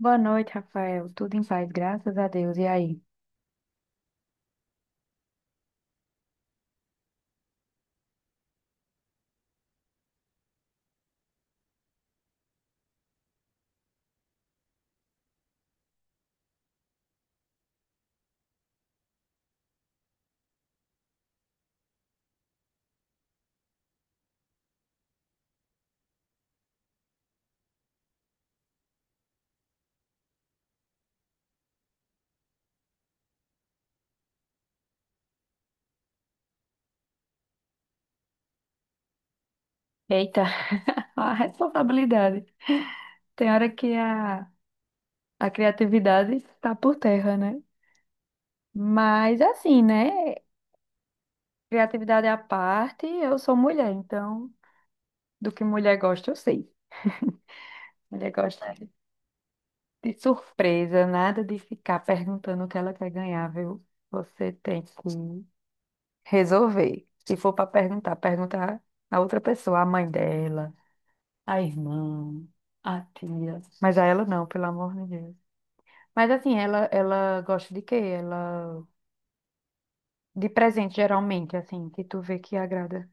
Boa noite, Rafael. Tudo em paz, graças a Deus. E aí? Eita, a responsabilidade. Tem hora que a criatividade está por terra, né? Mas assim, né? Criatividade à parte, eu sou mulher, então do que mulher gosta, eu sei. Mulher gosta de surpresa, nada de ficar perguntando o que ela quer ganhar, viu? Você tem que resolver. Se for para perguntar, perguntar a outra pessoa, a mãe dela, a irmã, a tia. Mas a ela não, pelo amor de Deus. Mas assim, ela gosta de quê? Ela de presente geralmente, assim, que tu vê que agrada.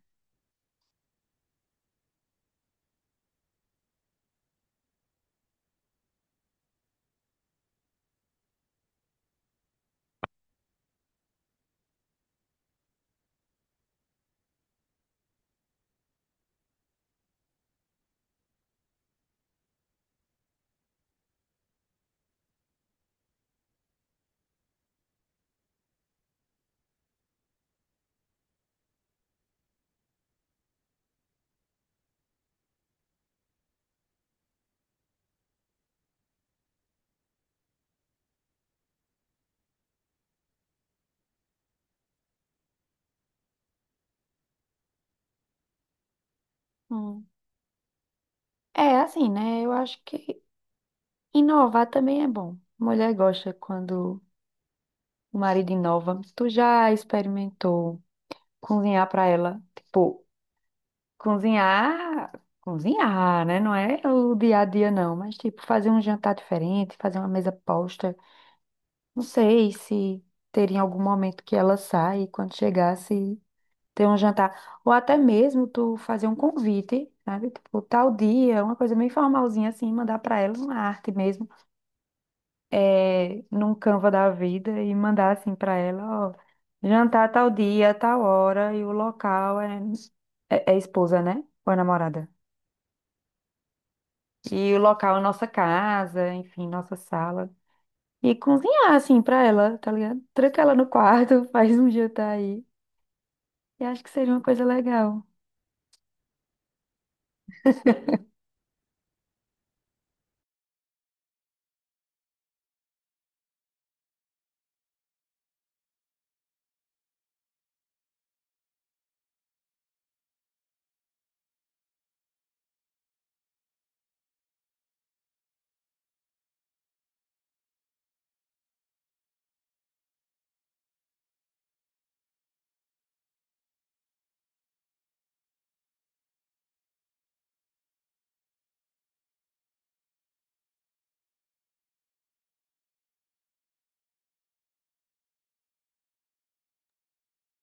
Hum. É assim, né? Eu acho que inovar também é bom. Mulher gosta quando o marido inova. Tu já experimentou cozinhar pra ela? Tipo, cozinhar, cozinhar, né? Não é o dia a dia não, mas tipo fazer um jantar diferente, fazer uma mesa posta. Não sei se teria algum momento que ela sai, e quando chegasse, ter um jantar. Ou até mesmo tu fazer um convite, sabe? Tipo, tal dia, uma coisa meio formalzinha assim, mandar pra ela uma arte mesmo, num Canva da vida e mandar assim pra ela, ó, jantar tal dia, tal hora e o local é, é esposa, né? Ou é namorada? E o local é nossa casa, enfim, nossa sala. E cozinhar assim pra ela, tá ligado? Tranca ela no quarto, faz um jantar aí. Eu acho que seria uma coisa legal.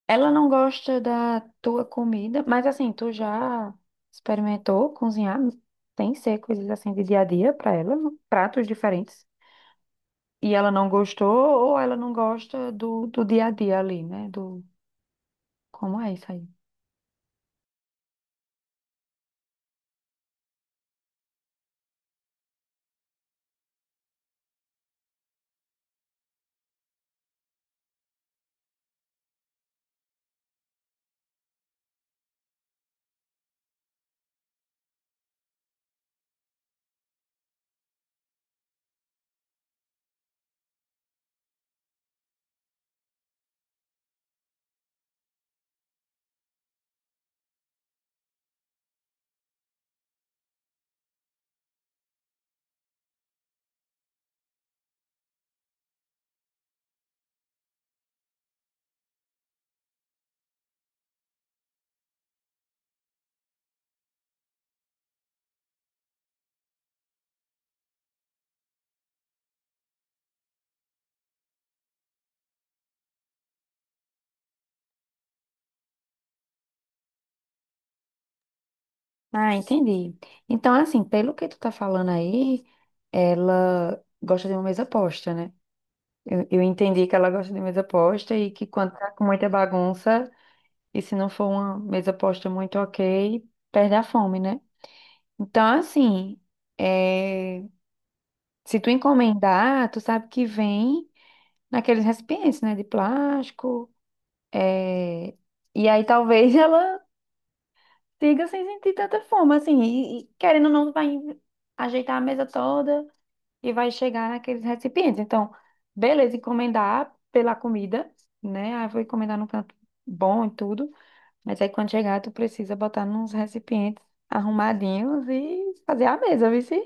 Ela não gosta da tua comida, mas assim, tu já experimentou cozinhar? Tem que ser coisas assim de dia a dia para ela, não? Pratos diferentes. E ela não gostou ou ela não gosta do dia a dia ali, né? Do como é isso aí? Ah, entendi. Então, assim, pelo que tu tá falando aí, ela gosta de uma mesa posta, né? Eu entendi que ela gosta de mesa posta e que quando tá com muita bagunça. E se não for uma mesa posta muito ok, perde a fome, né? Então, assim, é, se tu encomendar, tu sabe que vem naqueles recipientes, né? De plástico. é, E aí talvez ela siga sem sentir tanta fome, assim. E querendo ou não, vai ajeitar a mesa toda e vai chegar naqueles recipientes. Então, beleza, encomendar pela comida, né? Aí vou encomendar num canto bom e tudo. Mas aí quando chegar, tu precisa botar nos recipientes arrumadinhos e fazer a mesa, viu? Sim?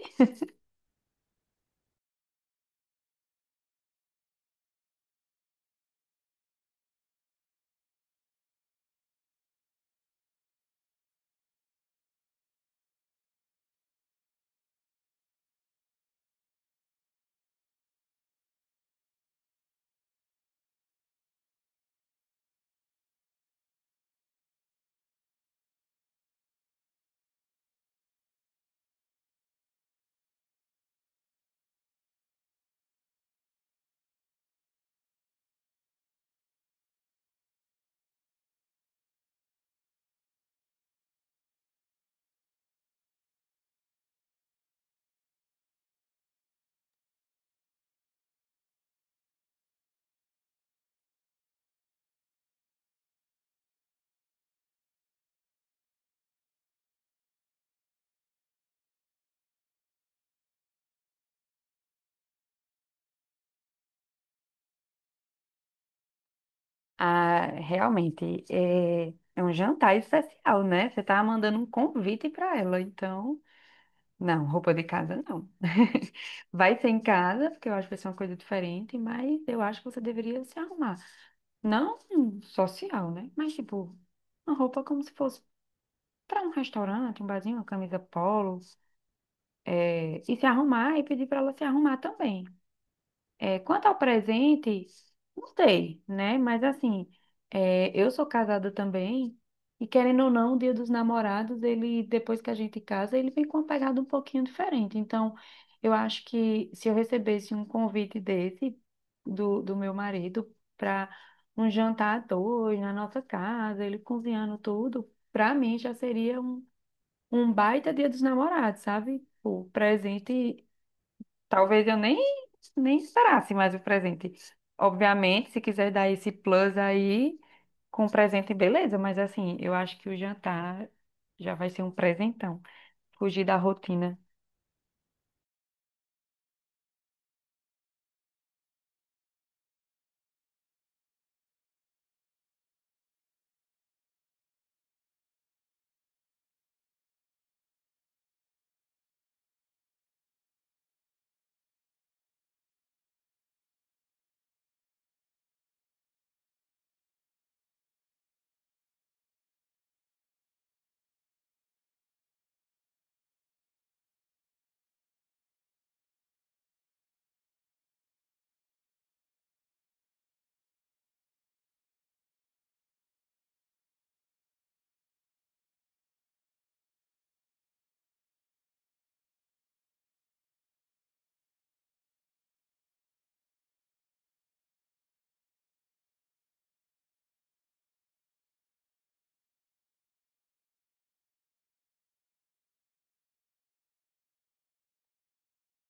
Ah, realmente, é um jantar especial, né? Você tá mandando um convite para ela, então... Não, roupa de casa não. Vai ser em casa, porque eu acho que vai ser uma coisa diferente, mas eu acho que você deveria se arrumar. Não um social, né? Mas tipo, uma roupa como se fosse para um restaurante, um barzinho, uma camisa polo, e se arrumar e pedir para ela se arrumar também. É, quanto ao presente, não sei, né? Mas assim, eu sou casada também, e querendo ou não, o Dia dos Namorados, ele, depois que a gente casa, ele vem com uma pegada um pouquinho diferente. Então, eu acho que se eu recebesse um convite desse do meu marido para um jantar a dois na nossa casa, ele cozinhando tudo, para mim já seria um, um baita Dia dos Namorados, sabe? O presente... Talvez eu nem, nem esperasse mais o presente. Obviamente, se quiser dar esse plus aí com presente, beleza, mas assim, eu acho que o jantar já vai ser um presentão. Fugir da rotina.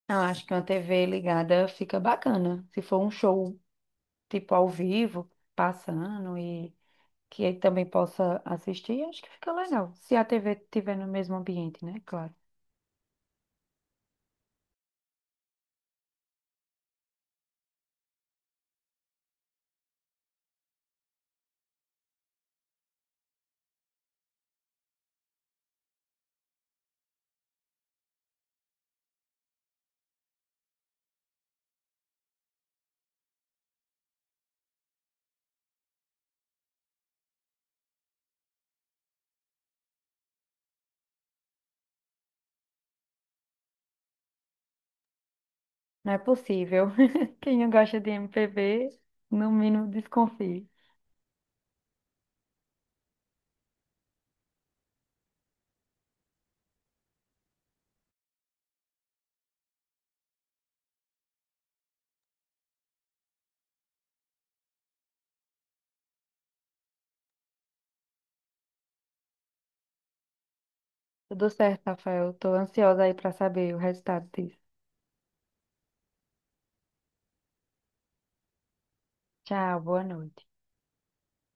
Eu acho que uma TV ligada fica bacana. Se for um show tipo ao vivo, passando e que ele também possa assistir, acho que fica legal. Se a TV estiver no mesmo ambiente, né? Claro. Não é possível. Quem não gosta de MPB, no mínimo desconfia. Tudo certo, Rafael. Tô ansiosa aí pra saber o resultado disso. Tchau, boa noite.